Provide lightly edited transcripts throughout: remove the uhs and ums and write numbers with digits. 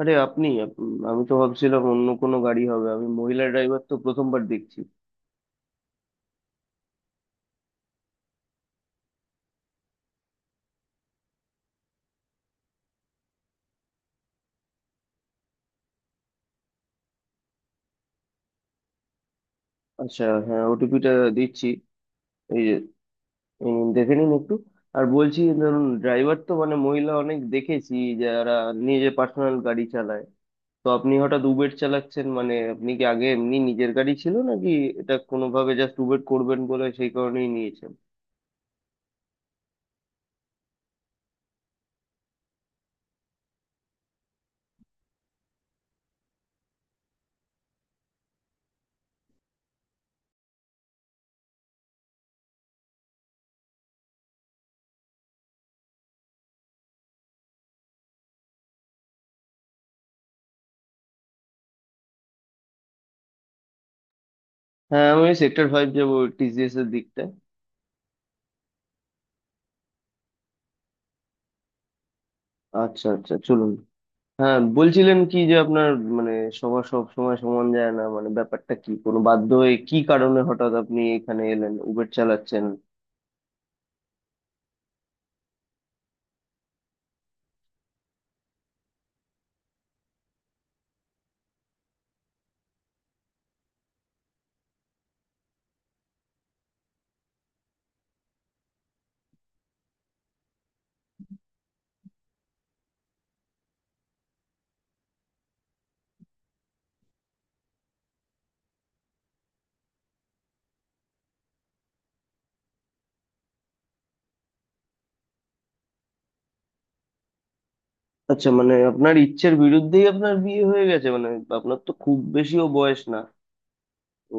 আরে আমি তো ভাবছিলাম অন্য কোনো গাড়ি হবে, আমি মহিলা ড্রাইভার তো প্রথমবার দেখছি। আচ্ছা হ্যাঁ, ওটিপিটা দিচ্ছি। এই যে, এই নিন, দেখে নিন একটু। আর বলছি ধরুন, ড্রাইভার তো মানে মহিলা অনেক দেখেছি, যারা নিজে পার্সোনাল গাড়ি চালায়। তো আপনি হঠাৎ উবের চালাচ্ছেন মানে আপনি কি আগে এমনি নিজের গাড়ি ছিল নাকি এটা কোনোভাবে জাস্ট উবের করবেন বলে সেই কারণেই নিয়েছেন? হ্যাঁ, আমি সেক্টর ফাইভ যাবো, টিসিএস এর দিকটা। আচ্ছা আচ্ছা চলুন। হ্যাঁ বলছিলেন কি যে আপনার মানে সবার সব সময় সমান যায় না, মানে ব্যাপারটা কি, কোনো বাধ্য হয়ে কি কারণে হঠাৎ আপনি এখানে এলেন উবের চালাচ্ছেন? আচ্ছা, মানে আপনার ইচ্ছের বিরুদ্ধেই আপনার বিয়ে হয়ে গেছে মানে? আপনার তো খুব বেশিও বয়স না। তো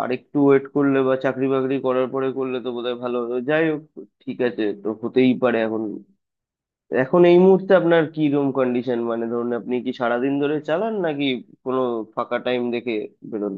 আর একটু ওয়েট করলে বা চাকরি বাকরি করার পরে করলে তো বোধহয় ভালো হতো। যাই হোক, ঠিক আছে, তো হতেই পারে। এখন এখন এই মুহূর্তে আপনার কি রুম কন্ডিশন, মানে ধরুন আপনি কি সারাদিন ধরে চালান নাকি কোনো ফাঁকা টাইম দেখে বেরোন?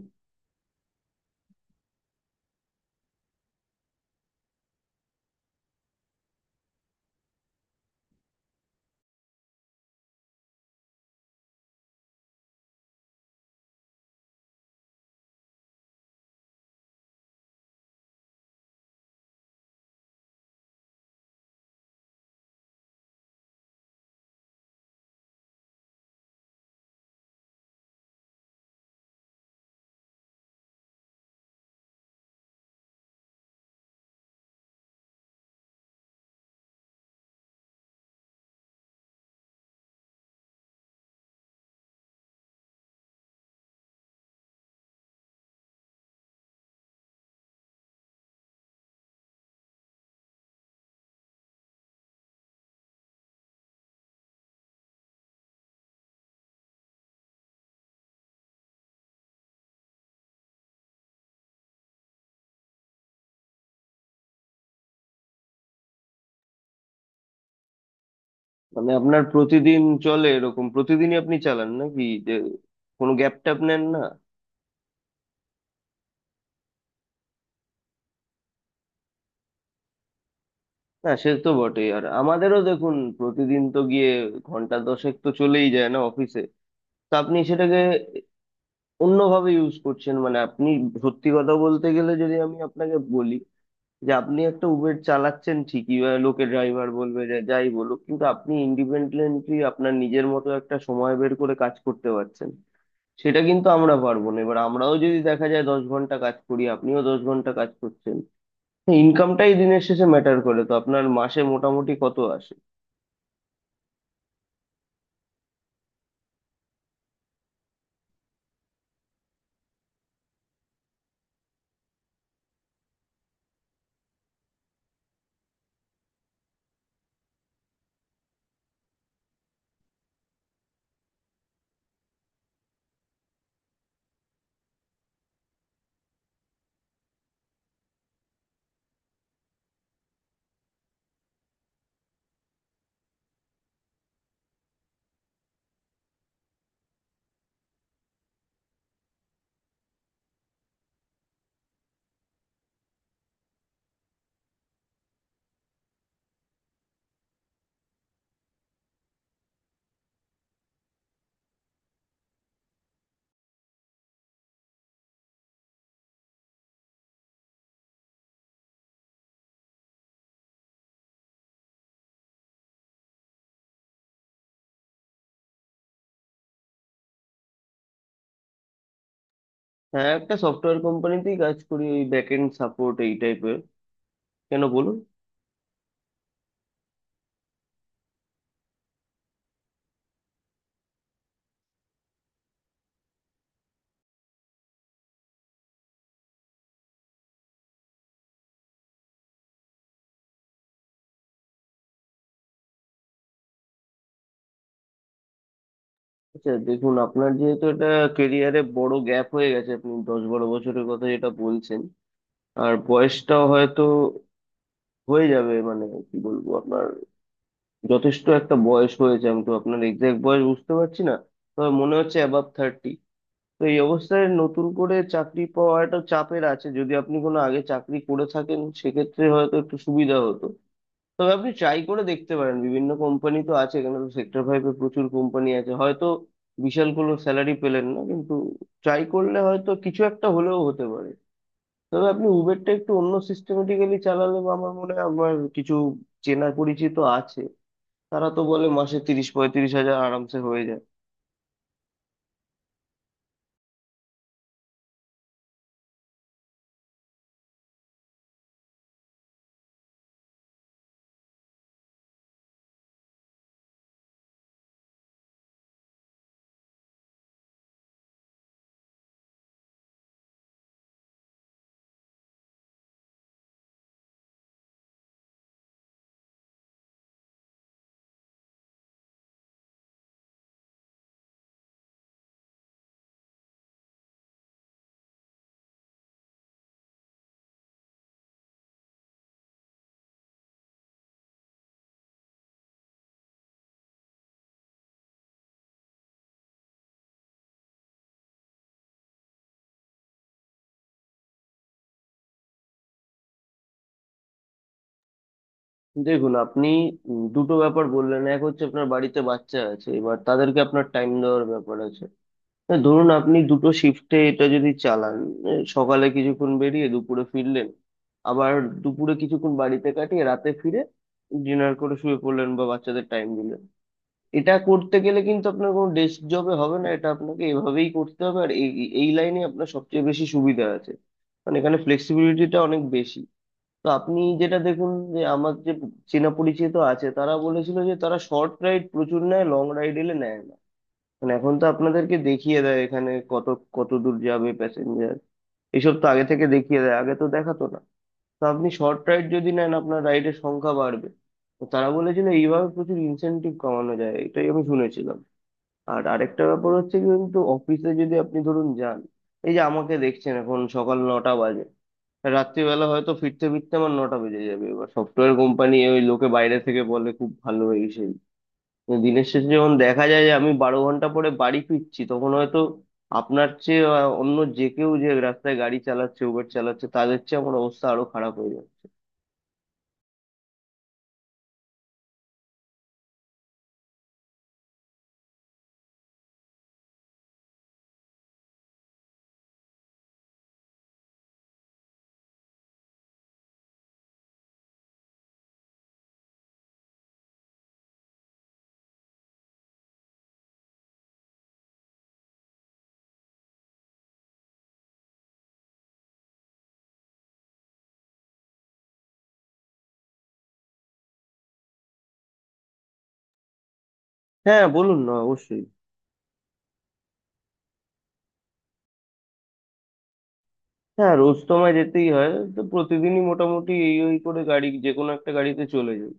মানে আপনার প্রতিদিন চলে, এরকম প্রতিদিনই আপনি চালান নাকি, যে কোনো গ্যাপ ট্যাপ নেন না? না সে তো বটেই, আর আমাদেরও দেখুন প্রতিদিন তো গিয়ে ঘন্টা দশেক তো চলেই যায় না অফিসে। তো আপনি সেটাকে অন্যভাবে ইউজ করছেন। মানে আপনি, সত্যি কথা বলতে গেলে যদি আমি আপনাকে বলি যে আপনি একটা উবের চালাচ্ছেন ঠিকই, বা লোকে ড্রাইভার বলবে, যে যাই বলুক, কিন্তু আপনি ইন্ডিপেন্ডেন্টলি আপনার নিজের মতো একটা সময় বের করে কাজ করতে পারছেন। সেটা কিন্তু আমরা পারবো না। এবার আমরাও যদি দেখা যায় 10 ঘন্টা কাজ করি, আপনিও 10 ঘন্টা কাজ করছেন, ইনকামটাই দিনের শেষে ম্যাটার করে। তো আপনার মাসে মোটামুটি কত আসে? হ্যাঁ, একটা সফটওয়্যার কোম্পানিতেই কাজ করি, ওই ব্যাক এন্ড সাপোর্ট এই টাইপের। কেন বলুন? আচ্ছা দেখুন, আপনার যেহেতু এটা কেরিয়ারে বড় গ্যাপ হয়ে গেছে, আপনি 10-12 বছরের কথা যেটা বলছেন, আর বয়সটাও হয়তো হয়ে যাবে মানে, কি বলবো আপনার, যথেষ্ট একটা বয়স হয়েছে। আমি তো আপনার এক্সাক্ট বয়স বুঝতে পারছি না, তবে মনে হচ্ছে অ্যাবাভ 30। তো এই অবস্থায় নতুন করে চাকরি পাওয়াটা চাপের আছে। যদি আপনি কোনো আগে চাকরি করে থাকেন সেক্ষেত্রে হয়তো একটু সুবিধা হতো। তবে আপনি ট্রাই করে দেখতে পারেন, বিভিন্ন কোম্পানি তো আছে, এখানে তো সেক্টর ফাইভে প্রচুর কোম্পানি আছে। হয়তো বিশাল কোনো স্যালারি পেলেন না, কিন্তু ট্রাই করলে হয়তো কিছু একটা হলেও হতে পারে। তবে আপনি উবেরটা একটু অন্য সিস্টেমেটিক্যালি চালালে, বা আমার মনে হয়, আমার কিছু চেনা পরিচিত আছে, তারা তো বলে মাসে 30-35 হাজার আরামসে হয়ে যায়। দেখুন আপনি দুটো ব্যাপার বললেন। এক হচ্ছে আপনার বাড়িতে বাচ্চা আছে, এবার তাদেরকে আপনার টাইম দেওয়ার ব্যাপার আছে। ধরুন আপনি দুটো শিফটে এটা যদি চালান, সকালে কিছুক্ষণ বেরিয়ে দুপুরে ফিরলেন, আবার দুপুরে কিছুক্ষণ বাড়িতে কাটিয়ে রাতে ফিরে ডিনার করে শুয়ে পড়লেন বা বাচ্চাদের টাইম দিলেন। এটা করতে গেলে কিন্তু আপনার কোনো ডেস্ক জবে হবে না, এটা আপনাকে এভাবেই করতে হবে। আর এই এই লাইনে আপনার সবচেয়ে বেশি সুবিধা আছে, মানে এখানে ফ্লেক্সিবিলিটিটা অনেক বেশি। তো আপনি যেটা দেখুন, যে আমার যে চেনা পরিচিত আছে তারা বলেছিল যে তারা শর্ট রাইড প্রচুর নেয়, লং রাইড এলে নেয় না। মানে এখন তো আপনাদেরকে দেখিয়ে দেয় এখানে কত কত দূর যাবে প্যাসেঞ্জার, এসব তো আগে থেকে দেখিয়ে দেয়, আগে তো দেখাতো না। তো আপনি শর্ট রাইড যদি নেন আপনার রাইডের সংখ্যা বাড়বে। তো তারা বলেছিল এইভাবে প্রচুর ইনসেনটিভ কমানো যায়, এটাই আমি শুনেছিলাম। আর আরেকটা ব্যাপার হচ্ছে কি, কিন্তু অফিসে যদি আপনি ধরুন যান, এই যে আমাকে দেখছেন, এখন সকাল 9টা বাজে, রাত্রিবেলা হয়তো ফিরতে ফিরতে আমার 9টা বেজে যাবে। এবার সফটওয়্যার কোম্পানি ওই লোকে বাইরে থেকে বলে খুব ভালো এই সেই, কিন্তু দিনের শেষে যখন দেখা যায় যে আমি 12 ঘন্টা পরে বাড়ি ফিরছি, তখন হয়তো আপনার চেয়ে অন্য যে কেউ যে রাস্তায় গাড়ি চালাচ্ছে উবের চালাচ্ছে তাদের চেয়ে আমার অবস্থা আরো খারাপ হয়ে যাচ্ছে। হ্যাঁ বলুন না, অবশ্যই। হ্যাঁ, রোজ তো আমায় যেতেই হয়, তো প্রতিদিনই মোটামুটি এই ওই করে গাড়ি, যে কোনো একটা গাড়িতে চলে যাই।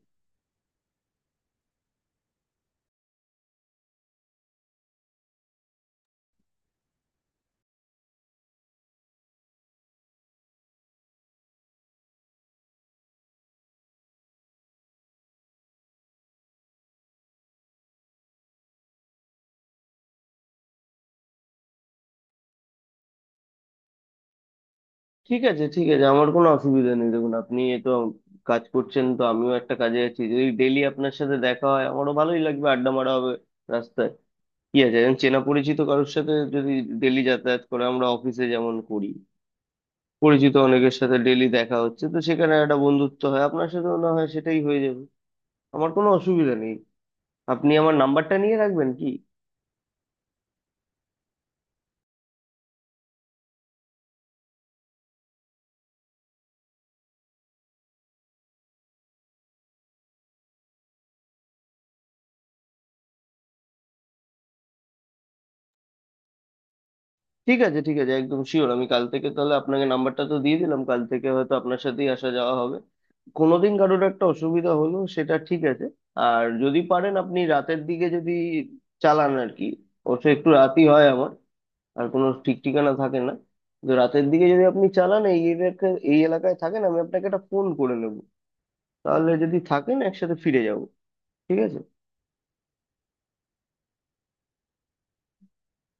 ঠিক আছে ঠিক আছে, আমার কোনো অসুবিধা নেই। দেখুন আপনি এ তো কাজ করছেন, তো আমিও একটা কাজে আছি, যদি ডেইলি আপনার সাথে দেখা হয় আমারও ভালোই লাগবে, আড্ডা মারা হবে রাস্তায়। কি আছে, একজন চেনা পরিচিত কারোর সাথে যদি ডেইলি যাতায়াত করে, আমরা অফিসে যেমন করি পরিচিত অনেকের সাথে ডেইলি দেখা হচ্ছে, তো সেখানে একটা বন্ধুত্ব হয়, আপনার সাথেও না হয় সেটাই হয়ে যাবে। আমার কোনো অসুবিধা নেই, আপনি আমার নাম্বারটা নিয়ে রাখবেন কি? ঠিক আছে ঠিক আছে, একদম শিওর। আমি কাল থেকে তাহলে, আপনাকে নাম্বারটা তো দিয়ে দিলাম, কাল থেকে হয়তো আপনার সাথেই আসা যাওয়া হবে। কোনোদিন কারোর একটা অসুবিধা হলো সেটা ঠিক আছে। আর যদি পারেন আপনি রাতের দিকে যদি চালান আর কি, অবশ্য একটু রাতই হয় আমার, আর কোনো ঠিক ঠিকানা থাকে না। তো রাতের দিকে যদি আপনি চালান, এই এলাকায় এই এলাকায় থাকেন, আমি আপনাকে একটা ফোন করে নেব, তাহলে যদি থাকেন একসাথে ফিরে যাব, ঠিক আছে?